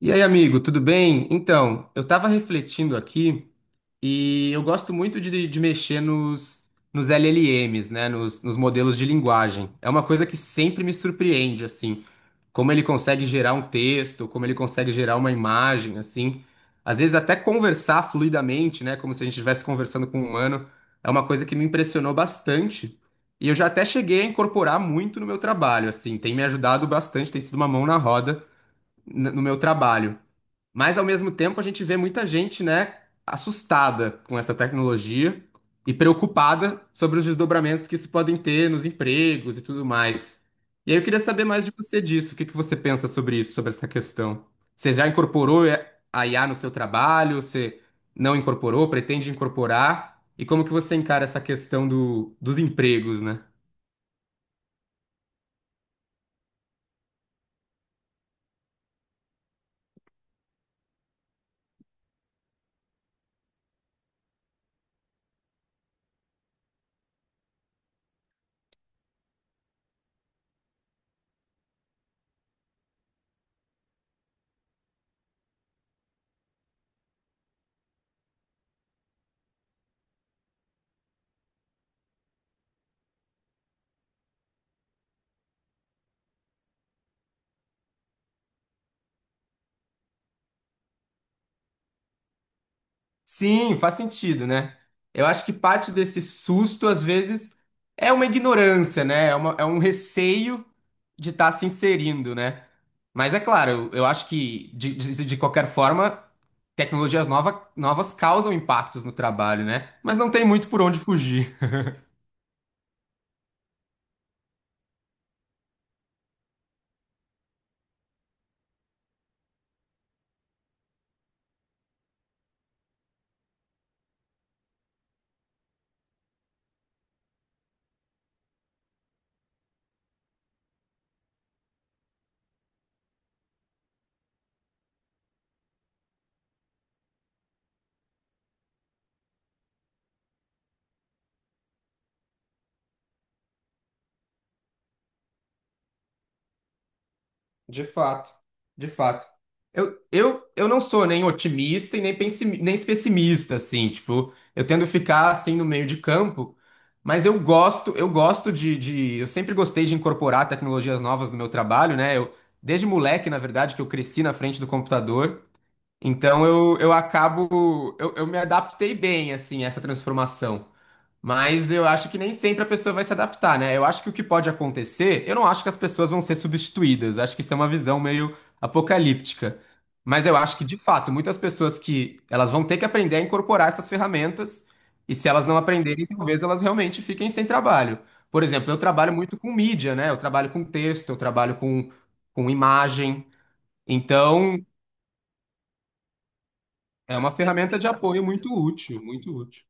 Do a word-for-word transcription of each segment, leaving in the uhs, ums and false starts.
E aí, amigo, tudo bem? Então, eu tava refletindo aqui e eu gosto muito de, de mexer nos, nos L L Ms, né? Nos, nos modelos de linguagem. É uma coisa que sempre me surpreende, assim, como ele consegue gerar um texto, como ele consegue gerar uma imagem, assim. Às vezes até conversar fluidamente, né? Como se a gente estivesse conversando com um humano. É uma coisa que me impressionou bastante. E eu já até cheguei a incorporar muito no meu trabalho, assim. Tem me ajudado bastante, tem sido uma mão na roda n- no meu trabalho. Mas ao mesmo tempo a gente vê muita gente, né, assustada com essa tecnologia e preocupada sobre os desdobramentos que isso podem ter nos empregos e tudo mais. E aí eu queria saber mais de você disso. O que que você pensa sobre isso, sobre essa questão? Você já incorporou a I A no seu trabalho? Você não incorporou? Pretende incorporar? E como que você encara essa questão do, dos empregos, né? Sim, faz sentido, né? Eu acho que parte desse susto, às vezes, é uma ignorância, né? É uma- é um receio de estar se inserindo, né? Mas é claro, eu acho que, de, de, de qualquer forma, tecnologias nova, novas causam impactos no trabalho, né? Mas não tem muito por onde fugir. De fato, de fato. Eu, eu, eu não sou nem otimista e nem, pensimi- nem pessimista, assim, tipo, eu tendo ficar assim no meio de campo, mas eu gosto, eu gosto de, de, eu sempre gostei de incorporar tecnologias novas no meu trabalho, né? Eu, desde moleque, na verdade, que eu cresci na frente do computador, então eu, eu acabo, eu, eu me adaptei bem, assim, a essa transformação. Mas eu acho que nem sempre a pessoa vai se adaptar, né? Eu acho que o que pode acontecer, eu não acho que as pessoas vão ser substituídas. Acho que isso é uma visão meio apocalíptica. Mas eu acho que, de fato, muitas pessoas que elas vão ter que aprender a incorporar essas ferramentas, e se elas não aprenderem, talvez elas realmente fiquem sem trabalho. Por exemplo, eu trabalho muito com mídia, né? Eu trabalho com texto, eu trabalho com, com imagem. Então, é uma ferramenta de apoio muito útil, muito útil.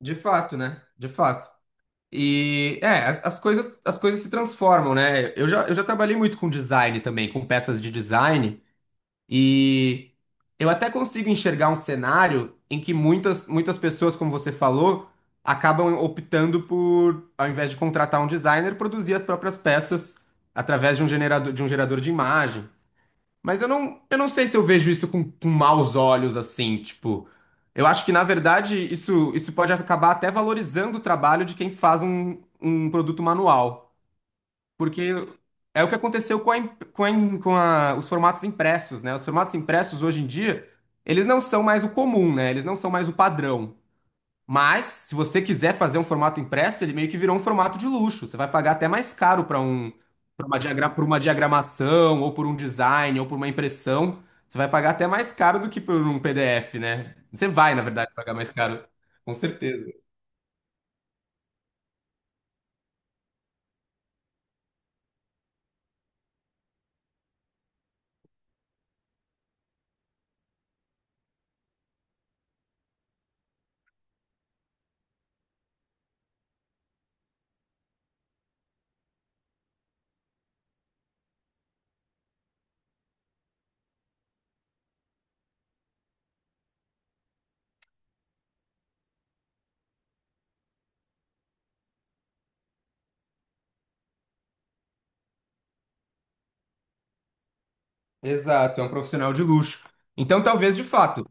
De fato, né? De fato. E é, as, as coisas, as coisas se transformam, né? Eu já, eu já trabalhei muito com design também, com peças de design, e eu até consigo enxergar um cenário em que muitas, muitas pessoas, como você falou, acabam optando por, ao invés de contratar um designer, produzir as próprias peças através de um gerador, de um gerador de imagem. Mas eu não, eu não sei se eu vejo isso com, com maus olhos, assim, tipo. Eu acho que, na verdade, isso, isso pode acabar até valorizando o trabalho de quem faz um, um produto manual. Porque é o que aconteceu com, a, imp- com, a, im- com a- os formatos impressos, né? Os formatos impressos, hoje em dia, eles não são mais o comum, né? Eles não são mais o padrão. Mas, se você quiser fazer um formato impresso, ele meio que virou um formato de luxo. Você vai pagar até mais caro para um, para uma diagra- pra uma diagramação, ou por um design, ou por uma impressão. Você vai pagar até mais caro do que por um P D F, né? Você vai, na verdade, pagar mais caro, com certeza. Exato, é um profissional de luxo. Então, talvez, de fato,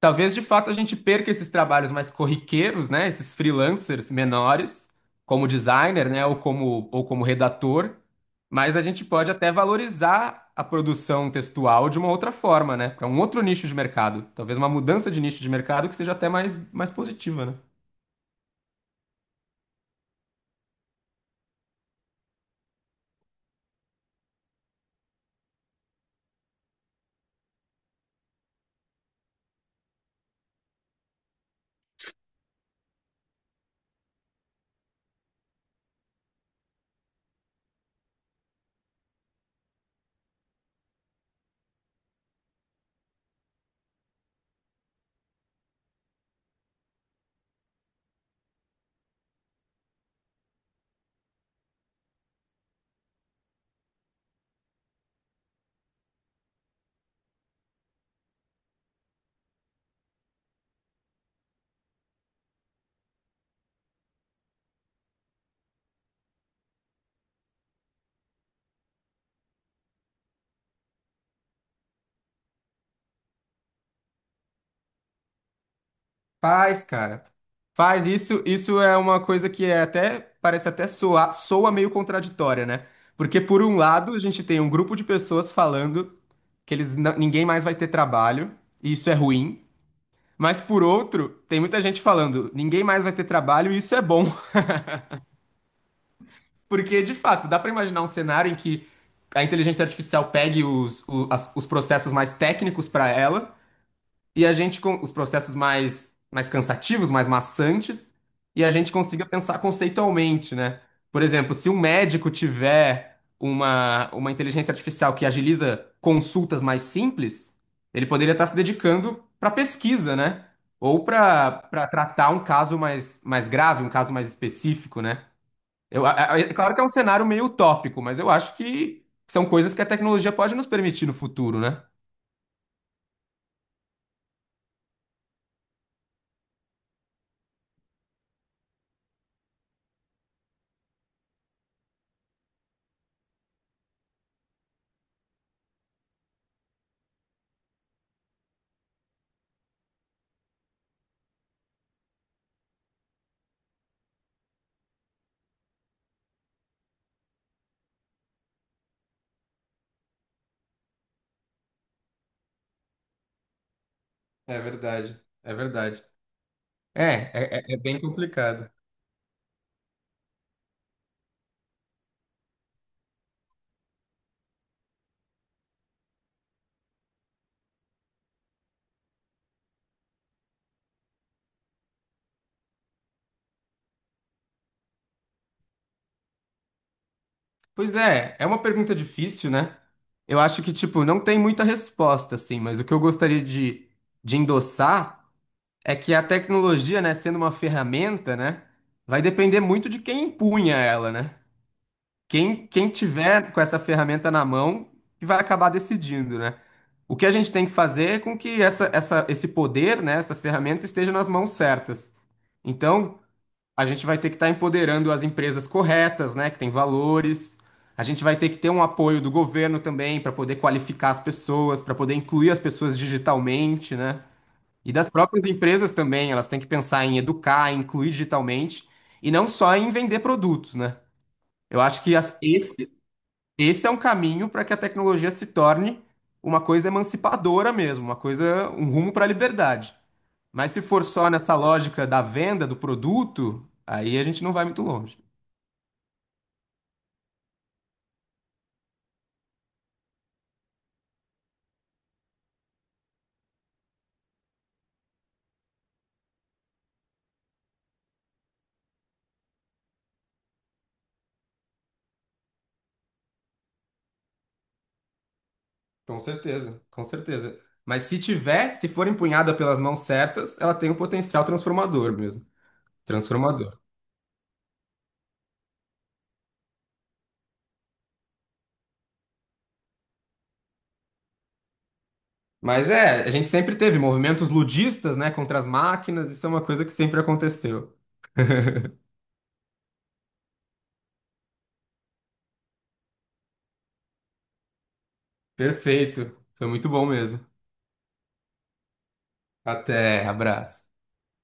talvez de fato a gente perca esses trabalhos mais corriqueiros, né? Esses freelancers menores, como designer, né? Ou como, ou como redator. Mas a gente pode até valorizar a produção textual de uma outra forma, né? Para um outro nicho de mercado. Talvez uma mudança de nicho de mercado que seja até mais, mais positiva, né? Faz, cara. Faz isso. Isso é uma coisa que é até parece até soar, soa meio contraditória, né? Porque por um lado, a gente tem um grupo de pessoas falando que eles não- ninguém mais vai ter trabalho, e isso é ruim. Mas por outro, tem muita gente falando, ninguém mais vai ter trabalho, e isso é bom. Porque de fato, dá pra imaginar um cenário em que a inteligência artificial pegue os, o- as- os processos mais técnicos pra ela e a gente com os processos mais mais cansativos, mais maçantes, e a gente consiga pensar conceitualmente, né? Por exemplo, se um médico tiver uma uma inteligência artificial que agiliza consultas mais simples, ele poderia estar se dedicando para pesquisa, né? Ou para para tratar um caso mais mais grave, um caso mais específico, né? Eu, a- a- é claro que é um cenário meio utópico, mas eu acho que são coisas que a tecnologia pode nos permitir no futuro, né? É verdade, é verdade. É, é, é é bem complicado. Pois é, é uma pergunta difícil, né? Eu acho que, tipo, não tem muita resposta, assim, mas o que eu gostaria de, de endossar é que a tecnologia, né, sendo uma ferramenta, né, vai depender muito de quem empunha ela, né? Quem, quem tiver com essa ferramenta na mão que vai acabar decidindo, né? O que a gente tem que fazer é com que essa, essa, esse poder, né, essa ferramenta esteja nas mãos certas. Então, a gente vai ter que estar empoderando as empresas corretas, né, que têm valores. A gente vai ter que ter um apoio do governo também para poder qualificar as pessoas, para poder incluir as pessoas digitalmente, né? E das próprias empresas também, elas têm que pensar em educar, em incluir digitalmente e não só em vender produtos, né? Eu acho que as- esse esse é um caminho para que a tecnologia se torne uma coisa emancipadora mesmo, uma coisa, um rumo para a liberdade. Mas se for só nessa lógica da venda do produto, aí a gente não vai muito longe. Com certeza, com certeza. Mas se tiver, se for empunhada pelas mãos certas, ela tem um potencial transformador mesmo. Transformador. Mas é, a gente sempre teve movimentos ludistas, né, contra as máquinas, isso é uma coisa que sempre aconteceu. Perfeito. Foi muito bom mesmo. Até, abraço.